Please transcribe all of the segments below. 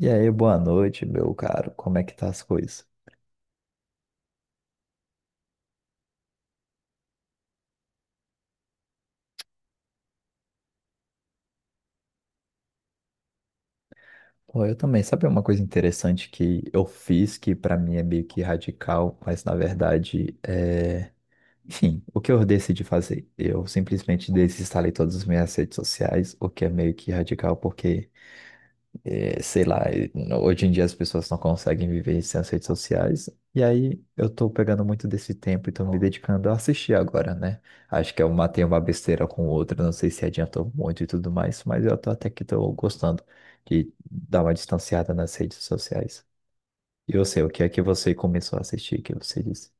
E aí, boa noite, meu caro. Como é que tá as coisas? Pô, eu também. Sabe uma coisa interessante que eu fiz que pra mim é meio que radical, mas na verdade é. Enfim, o que eu decidi fazer? Eu simplesmente desinstalei todas as minhas redes sociais, o que é meio que radical porque é, sei lá, hoje em dia as pessoas não conseguem viver sem as redes sociais. E aí eu tô pegando muito desse tempo e tô me dedicando a assistir agora, né? Acho que eu matei uma besteira com outra, não sei se adiantou muito e tudo mais, mas eu tô até que tô gostando de dar uma distanciada nas redes sociais. E você, o que é que você começou a assistir que você disse?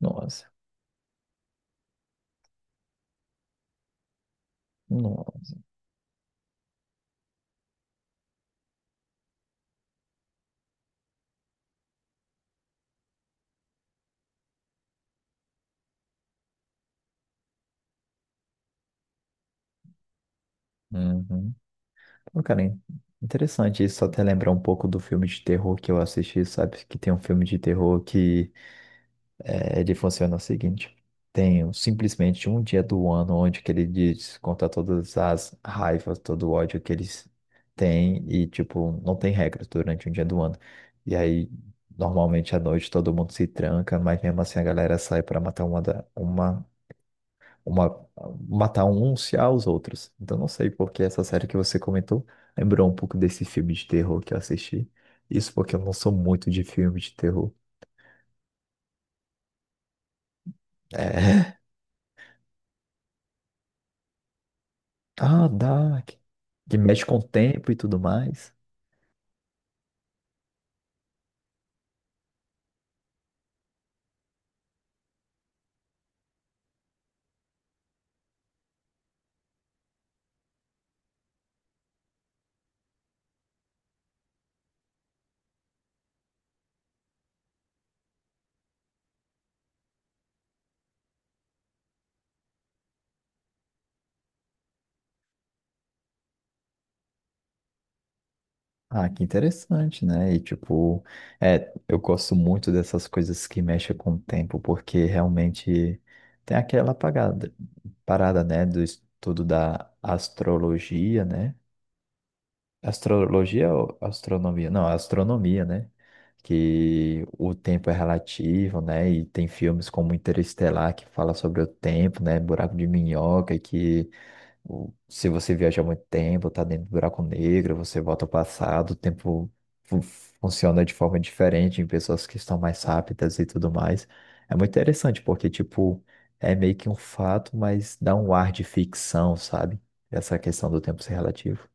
Nossa, não. Uhum. Pô, cara, interessante isso, até lembrar um pouco do filme de terror que eu assisti, sabe? Que tem um filme de terror que é. Ele funciona o seguinte: simplesmente um dia do ano onde que ele desconta todas as raivas, todo o ódio que eles têm e, tipo, não tem regras durante um dia do ano. E aí, normalmente à noite todo mundo se tranca, mas mesmo assim a galera sai para matar uma, da- uma, matar uns aos outros. Então não sei porque essa série que você comentou lembrou um pouco desse filme de terror que eu assisti. Isso porque eu não sou muito de filme de terror. É. Ah, dá. Que mexe com o tempo e tudo mais. Ah, que interessante, né? E tipo, é, eu gosto muito dessas coisas que mexem com o tempo, porque realmente tem parada, né, do estudo da astrologia, né? Astrologia ou astronomia? Não, astronomia, né? Que o tempo é relativo, né? E tem filmes como Interestelar que fala sobre o tempo, né? Buraco de minhoca, que ou se você viaja muito tempo, tá dentro do buraco negro, você volta ao passado, o tempo fu- funciona de forma diferente em pessoas que estão mais rápidas e tudo mais. É muito interessante, porque, tipo, é meio que um fato, mas dá um ar de ficção, sabe? Essa questão do tempo ser relativo.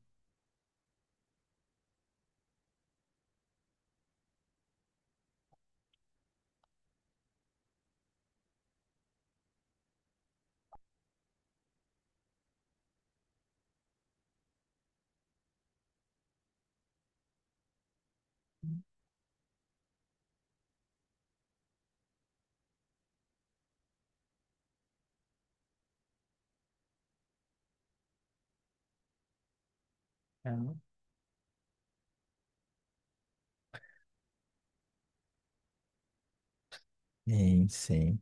É. Sim, sim.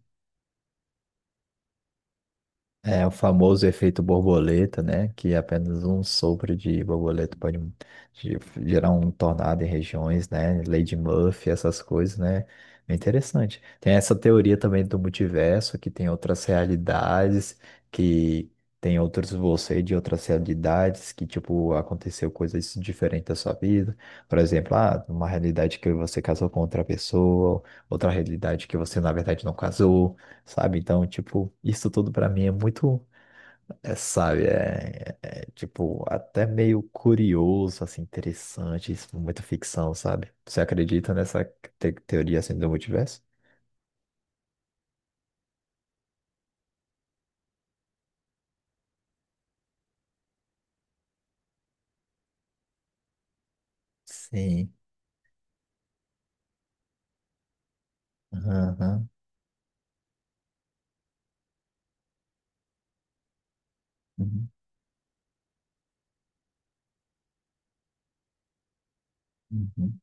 É o famoso efeito borboleta, né? Que apenas um sopro de borboleta pode ge- gerar um tornado em regiões, né? Lei de Murphy, essas coisas, né? É interessante. Tem essa teoria também do multiverso, que tem outras realidades, que tem outros você de outras realidades, que, tipo, aconteceu coisas diferentes da sua vida. Por exemplo, ah, uma realidade que você casou com outra pessoa, outra realidade que você, na verdade, não casou. Sabe? Então, tipo, isso tudo pra mim é muito, tipo, até meio curioso, assim, interessante, isso, muita ficção, sabe? Você acredita nessa teoria, assim, do multiverso? Sim. Aham. Uhum. Uhum.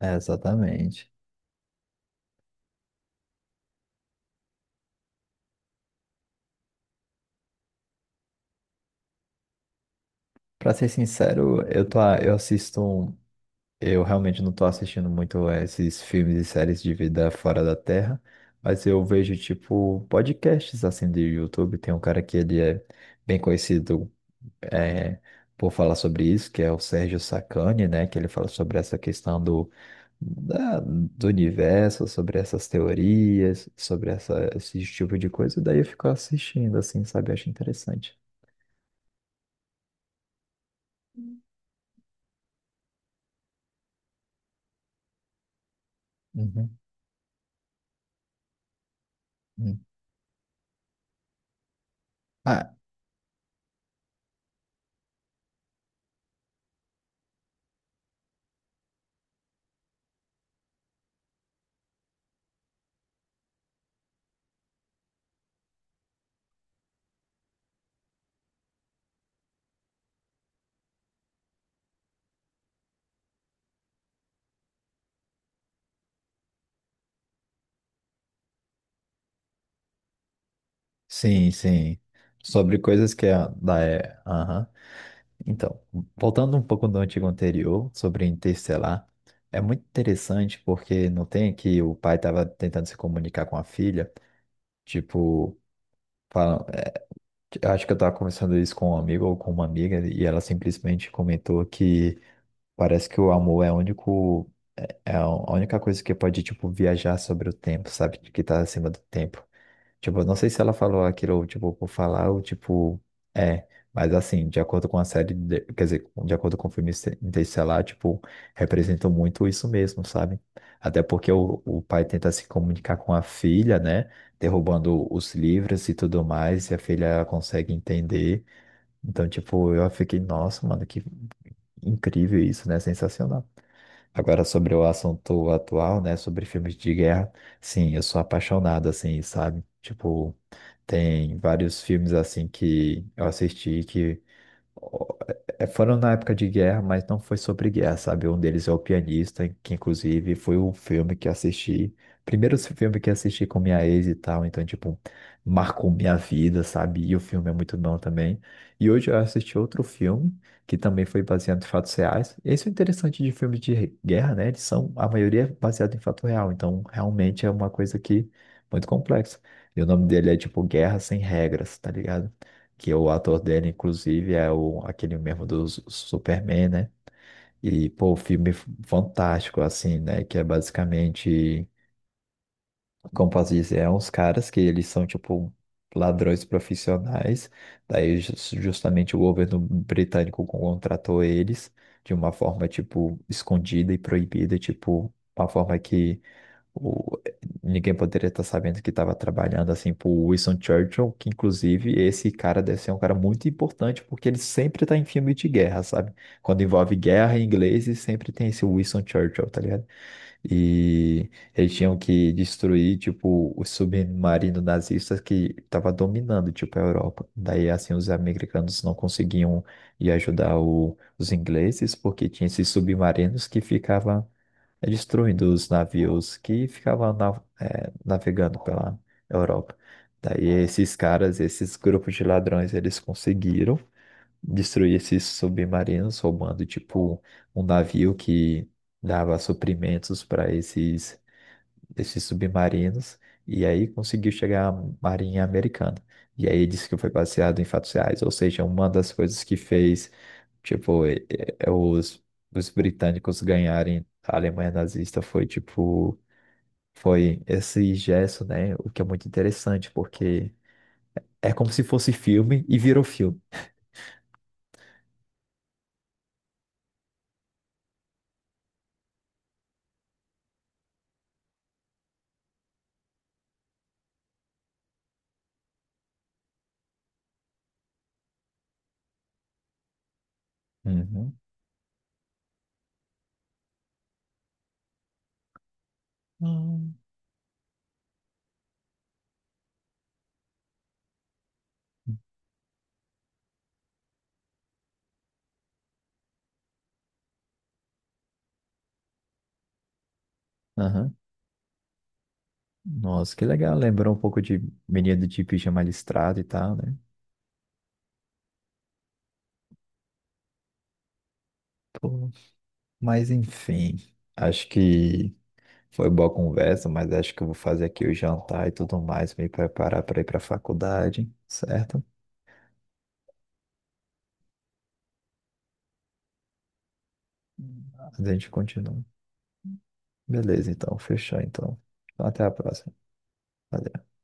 É, exatamente. Pra ser sincero, eu assisto. Eu realmente não tô assistindo muito esses filmes e séries de vida fora da Terra, mas eu vejo, tipo, podcasts assim de YouTube. Tem um cara que ele é bem conhecido, é, por falar sobre isso, que é o Sérgio Sacani, né? Que ele fala sobre essa questão do universo, sobre essas teorias, sobre essa, esse tipo de coisa. Daí eu fico assistindo, assim, sabe? Eu acho interessante. Uhum, uhum. Ah, sim, sim. Sobre coisas que é da. É, aham. Então, voltando um pouco do antigo anterior, sobre Interestelar, é muito interessante porque não tem que o pai estava tentando se comunicar com a filha, tipo, fala- eu acho que eu estava conversando isso com um amigo ou com uma amiga, e ela simplesmente comentou que parece que o amor é o único, é a única coisa que pode, tipo, viajar sobre o tempo, sabe? Que está acima do tempo. Tipo, eu não sei se ela falou aquilo, tipo, por falar ou, tipo, é. Mas, assim, de acordo com a série, de- quer dizer, de acordo com o filme Interestelar, tipo, representou muito isso mesmo, sabe? Até porque o pai tenta se comunicar com a filha, né? Derrubando os livros e tudo mais, e a filha consegue entender. Então, tipo, eu fiquei, nossa, mano, que incrível isso, né? Sensacional. Agora, sobre o assunto atual, né? Sobre filmes de guerra, sim, eu sou apaixonado, assim, sabe? Tipo. Tem vários filmes assim que eu assisti que é, foram na época de guerra, mas não foi sobre guerra, sabe? Um deles é o pianista, que inclusive foi o filme que assisti, primeiro filme que assisti com minha ex e tal, então, tipo, marcou minha vida, sabe? E o filme é muito bom também. E hoje eu assisti outro filme, que também foi baseado em fatos reais. Esse é interessante de filmes de guerra, né? Eles são, a maioria é baseado em fato real, então realmente é uma coisa que muito complexa. E o nome dele é tipo Guerra Sem Regras, tá ligado? Que o ator dele, inclusive, é o, aquele mesmo do Superman, né? E, pô, fantástico, assim, né? Que é basicamente, como posso dizer, é uns caras que eles são, tipo, ladrões profissionais. Daí, justamente, o governo britânico contratou eles de uma forma, tipo, escondida e proibida, tipo, uma forma que o- ninguém poderia estar sabendo que estava trabalhando assim pro Winston Churchill, que inclusive esse cara deve ser um cara muito importante, porque ele sempre tá em filme de guerra, sabe? Quando envolve guerra em inglês, e sempre tem esse Winston Churchill, tá ligado? E eles tinham que destruir, tipo, o submarino nazista que estava dominando, tipo, a Europa. Daí, assim, os americanos não conseguiam ir ajudar os ingleses, porque tinha esses submarinos que ficavam é destruindo os navios que ficavam navegando pela Europa. Daí esses caras, esses grupos de ladrões, eles conseguiram destruir esses submarinos, roubando tipo um navio que dava suprimentos para esses desses submarinos e aí conseguiu chegar à Marinha Americana. E aí disse que foi baseado em fatos reais, ou seja, uma das coisas que fez, tipo, eh, os, os britânicos ganharem a Alemanha nazista foi, tipo, foi esse gesto, né? O que é muito interessante, porque é como se fosse filme e virou filme. Uhum. Hum. Aham. Nossa, que legal. Lembrou um pouco de Menino de Pijama Listrado e tal, né? Pô. Mas enfim, acho que foi boa conversa, mas acho que eu vou fazer aqui o jantar e tudo mais, me preparar para ir para a faculdade, certo? A gente continua. Beleza, então, fechou então. Então, até a próxima. Valeu.